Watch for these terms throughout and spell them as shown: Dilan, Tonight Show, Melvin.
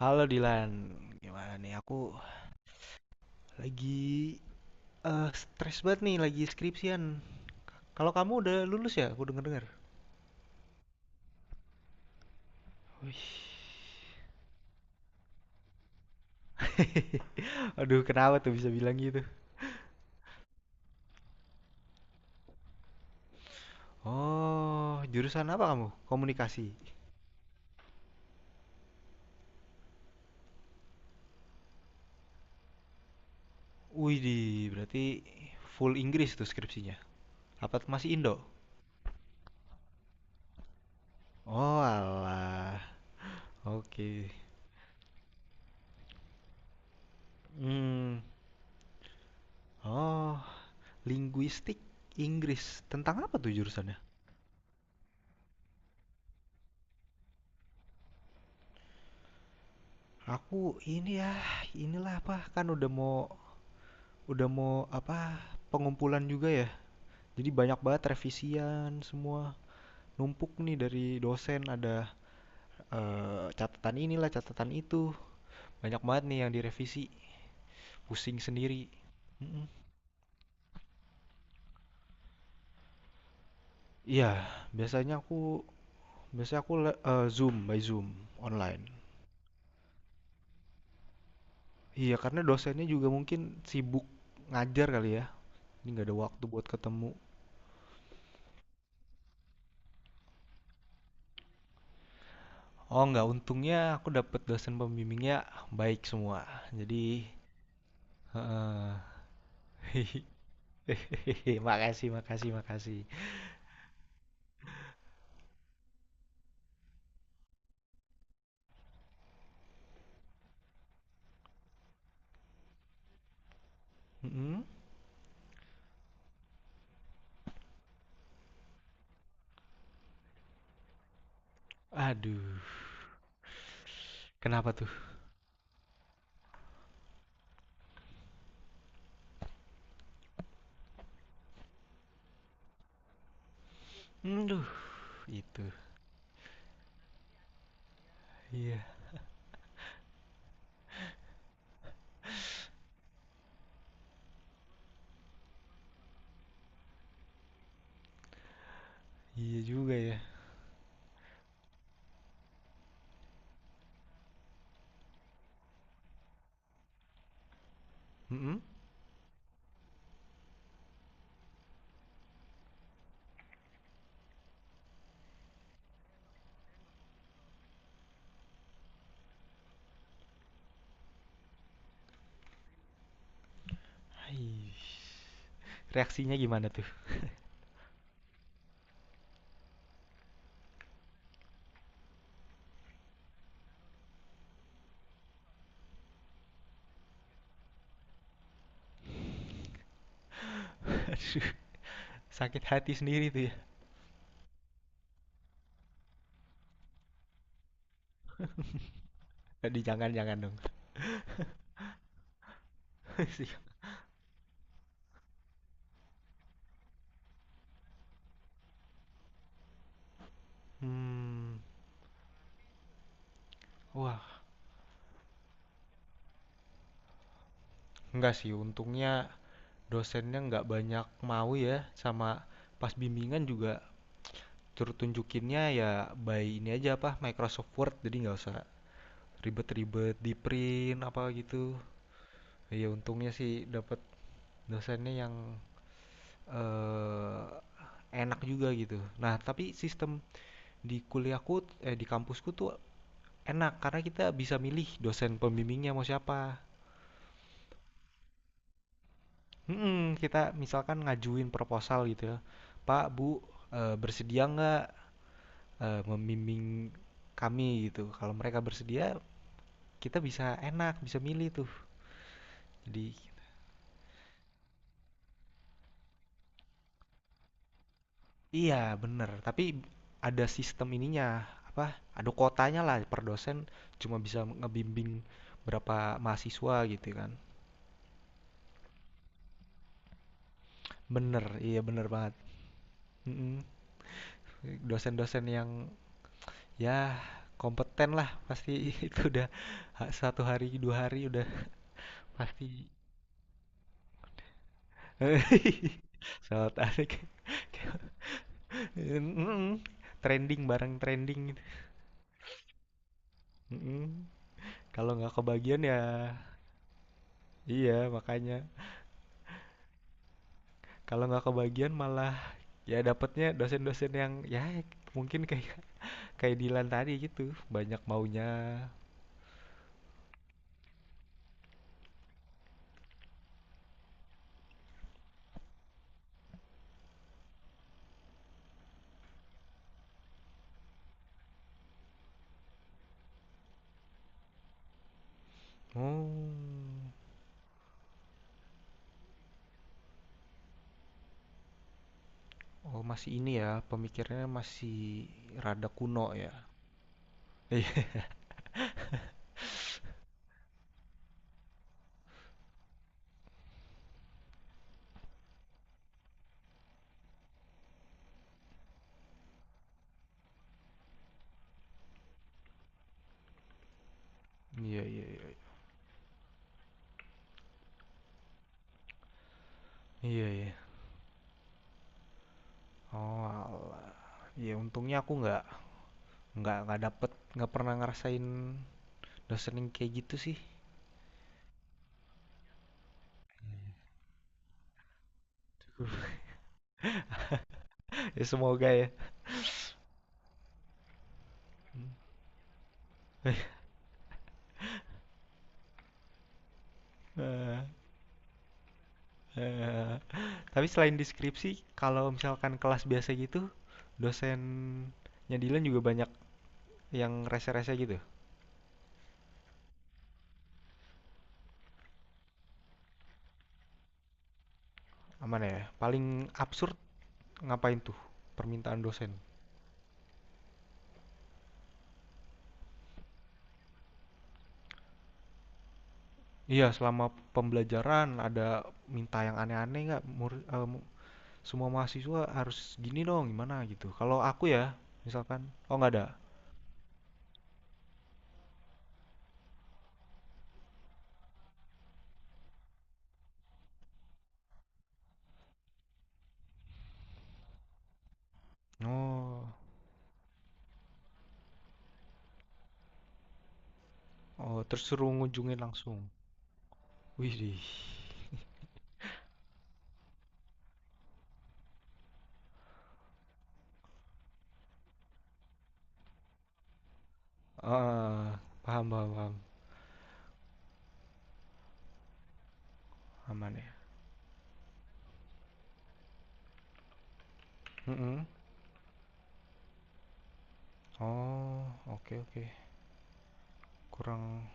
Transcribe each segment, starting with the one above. Halo Dilan, gimana nih? Aku lagi stres banget nih, lagi skripsian. Kalau kamu udah lulus ya, aku denger-dengar. Wih. Aduh, kenapa tuh bisa bilang gitu? Oh, jurusan apa kamu? Komunikasi. Wih, berarti full Inggris tuh skripsinya. Apa masih Indo? Oh, alah. Oke. Hmm. Oh, linguistik Inggris. Tentang apa tuh jurusannya? Aku ini ya, inilah apa kan udah mau apa pengumpulan juga ya. Jadi banyak banget revisian semua. Numpuk nih dari dosen ada catatan inilah, catatan itu. Banyak banget nih yang direvisi. Pusing sendiri. Mm-mm. Iya, biasanya aku biasanya aku Zoom by Zoom online. Iya, karena dosennya juga mungkin sibuk ngajar kali ya, ini nggak ada waktu buat ketemu. Oh, nggak, untungnya aku dapet dosen pembimbingnya baik semua. Jadi, heeh. Makasih, makasih, makasih. Mhm. Aduh, kenapa tuh? Aduh, itu. Iya, iya juga ya. Mhm. Ih. Reaksinya gimana tuh? Aduh, sakit hati sendiri tuh ya? Aduh, jangan jangan dong. Mmm, wah, enggak sih, untungnya dosennya nggak banyak mau ya. Sama pas bimbingan juga, Tur tunjukinnya ya by ini aja apa Microsoft Word, jadi nggak usah ribet-ribet di print apa gitu. Ya untungnya sih dapat dosennya yang eh, enak juga gitu. Nah tapi sistem di kuliahku di kampusku tuh enak karena kita bisa milih dosen pembimbingnya mau siapa. Kita misalkan ngajuin proposal gitu ya, Pak Bu bersedia nggak membimbing kami gitu. Kalau mereka bersedia, kita bisa enak, bisa milih tuh. Jadi iya bener, tapi ada sistem ininya, apa, ada kuotanya lah per dosen, cuma bisa ngebimbing berapa mahasiswa gitu kan. Bener, iya bener banget. Mm-mm. Dosen-dosen yang ya kompeten lah pasti itu udah satu hari dua hari udah pasti. Soal tarik Mm-mm. Trending bareng trending gitu. Mm-mm. Kalau nggak kebagian ya. Iya, makanya, kalau nggak kebagian malah ya dapetnya dosen-dosen yang ya mungkin kayak kayak Dilan tadi gitu, banyak maunya. Oh, oh masih ini ya pemikirannya, masih rada kuno ya. Iya. Iya iya iya. Iya iya. Oh, alah. Ya untungnya aku nggak dapet, nggak pernah ngerasain dosen yang kayak gitu sih. Ya semoga ya. Eh, Eee, tapi selain deskripsi, kalau misalkan kelas biasa gitu, dosennya Dilan juga banyak yang rese-rese gitu? Aman ya? Paling absurd ngapain tuh permintaan dosen? Iya, selama pembelajaran ada minta yang aneh-aneh nggak? Semua mahasiswa harus gini dong, gimana gitu. Kalau aku ya, misalkan, oh nggak ada? Oh oh, terus suruh ngunjungin langsung? Widih. Heeh, paham paham paham, aman ya. Mhm. Oh, oke oke. Kurang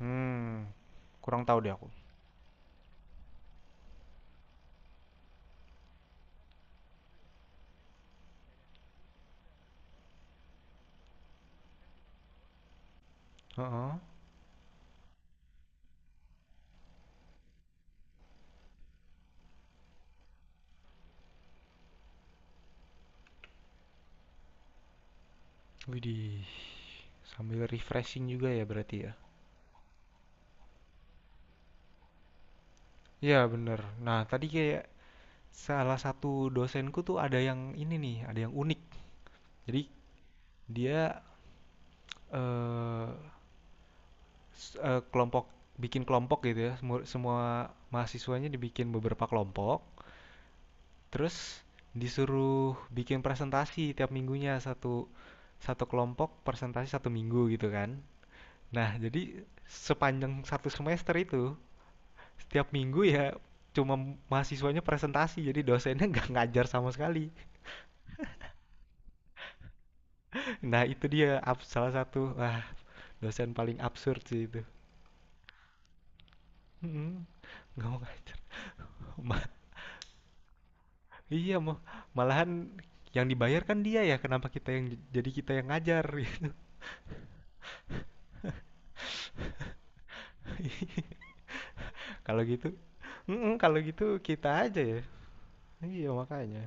hmm kurang tahu deh aku. Heeh. Widih, sambil refreshing juga ya berarti ya? Iya bener. Nah tadi kayak salah satu dosenku tuh ada yang ini nih, ada yang unik. Jadi dia, eee, s eee, kelompok bikin kelompok gitu ya, semua mahasiswanya dibikin beberapa kelompok, terus disuruh bikin presentasi tiap minggunya, satu satu kelompok presentasi satu minggu gitu kan. Nah, jadi sepanjang satu semester itu, setiap minggu ya cuma mahasiswanya presentasi, jadi dosennya nggak ngajar sama sekali. Nah, itu dia salah satu, wah, dosen paling absurd sih itu. Mm-mm, nggak mau ngajar. Ma- iya, malahan yang dibayar kan dia ya, kenapa kita yang jadi kita yang ngajar gitu. Kalau gitu, mm-mm, kalau gitu kita aja ya. Iya, makanya.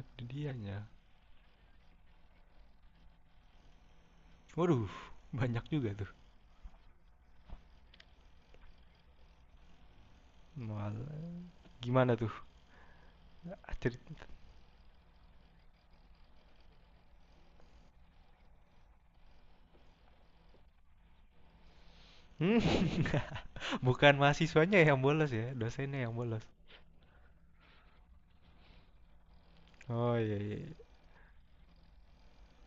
Itu dianya. Waduh, banyak juga tuh. Malah gimana tuh? cerit mmm, bukan mahasiswanya yang bolos ya, dosennya yang bolos. Oh, iya iya iya.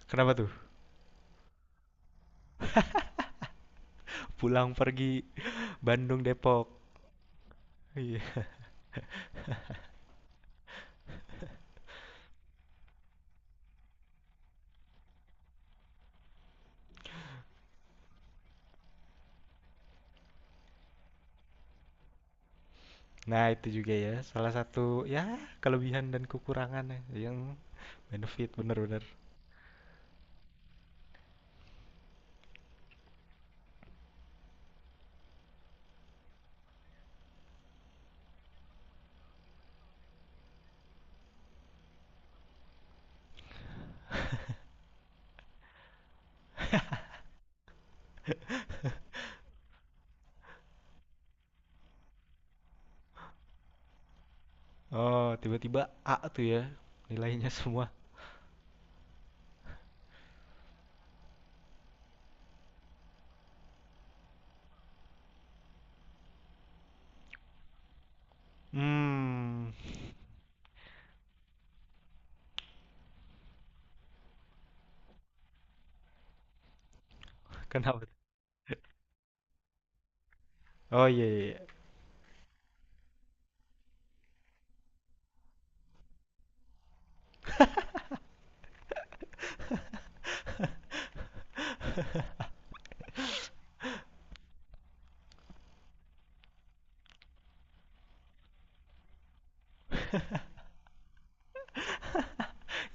Kenapa tuh? Pulang pergi Bandung, Depok. Iya. Nah, itu juga ya salah satu, ya, kelebihan dan kekurangannya. Yang benefit, bener bener. Oh, tiba-tiba A tuh ya nilainya semua. hmm Kenapa tuh? Oh, iya iya iya.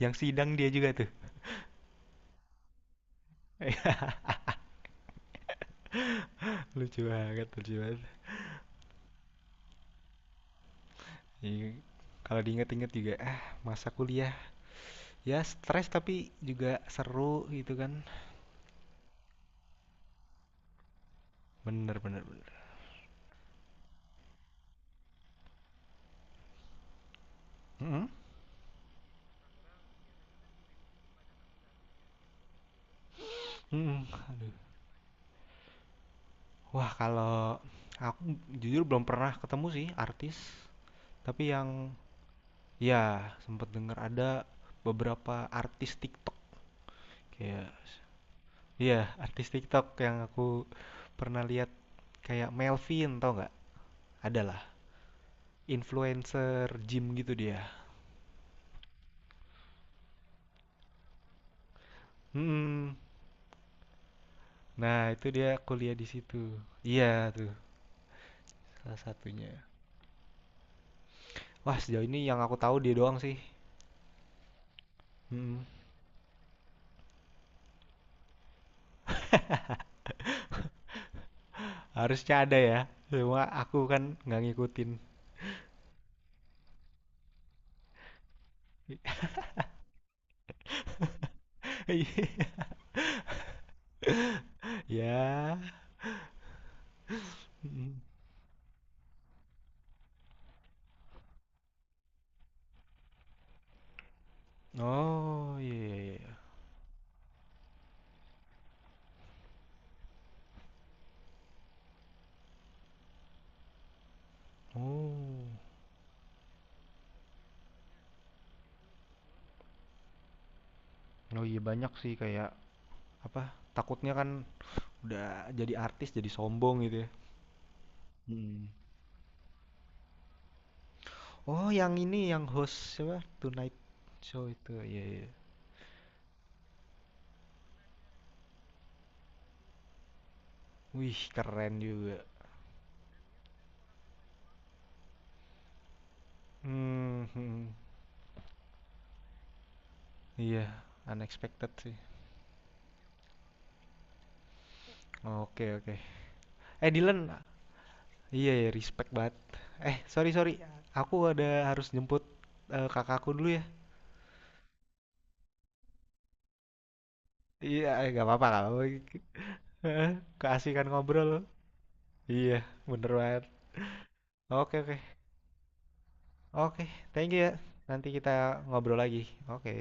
Yang sidang dia juga tuh. Lucu banget, lucu banget. Jadi, kalau diinget-inget juga, ah, masa kuliah ya stres tapi juga seru gitu kan, bener bener bener. Mm-mm. Mm-mm. Aduh. Wah, kalau aku jujur belum pernah ketemu sih artis, tapi yang ya sempet denger ada beberapa artis TikTok kayak, iya, artis TikTok yang aku pernah lihat kayak Melvin, tau nggak, ada lah, influencer gym gitu dia. mm Nah, itu dia kuliah di situ. Iya tuh, salah satunya. Wah, sejauh ini yang aku tahu dia doang sih. Mhm. Harusnya ada ya, cuma aku kan nggak ngikutin. Ya. Mhm. Oh, iya iya iya. Oh, apa, takutnya kan udah jadi artis jadi sombong gitu ya. Oh, yang ini yang host siapa, Tonight Show itu, iya iya. Wih, keren juga. Hmm mhm. Iya, unexpected sih. Oke, oke. Eh, Dylan. Iya, ya, respect banget. Eh, sorry, sorry. Aku ada harus jemput kakakku dulu ya. Iya, eh, nggak apa-apa, nggak apa-apa. Heeh, keasikan ngobrol. Iya, bener banget. Oke, oke. Oke, thank you ya. Nanti kita ngobrol lagi. Oke.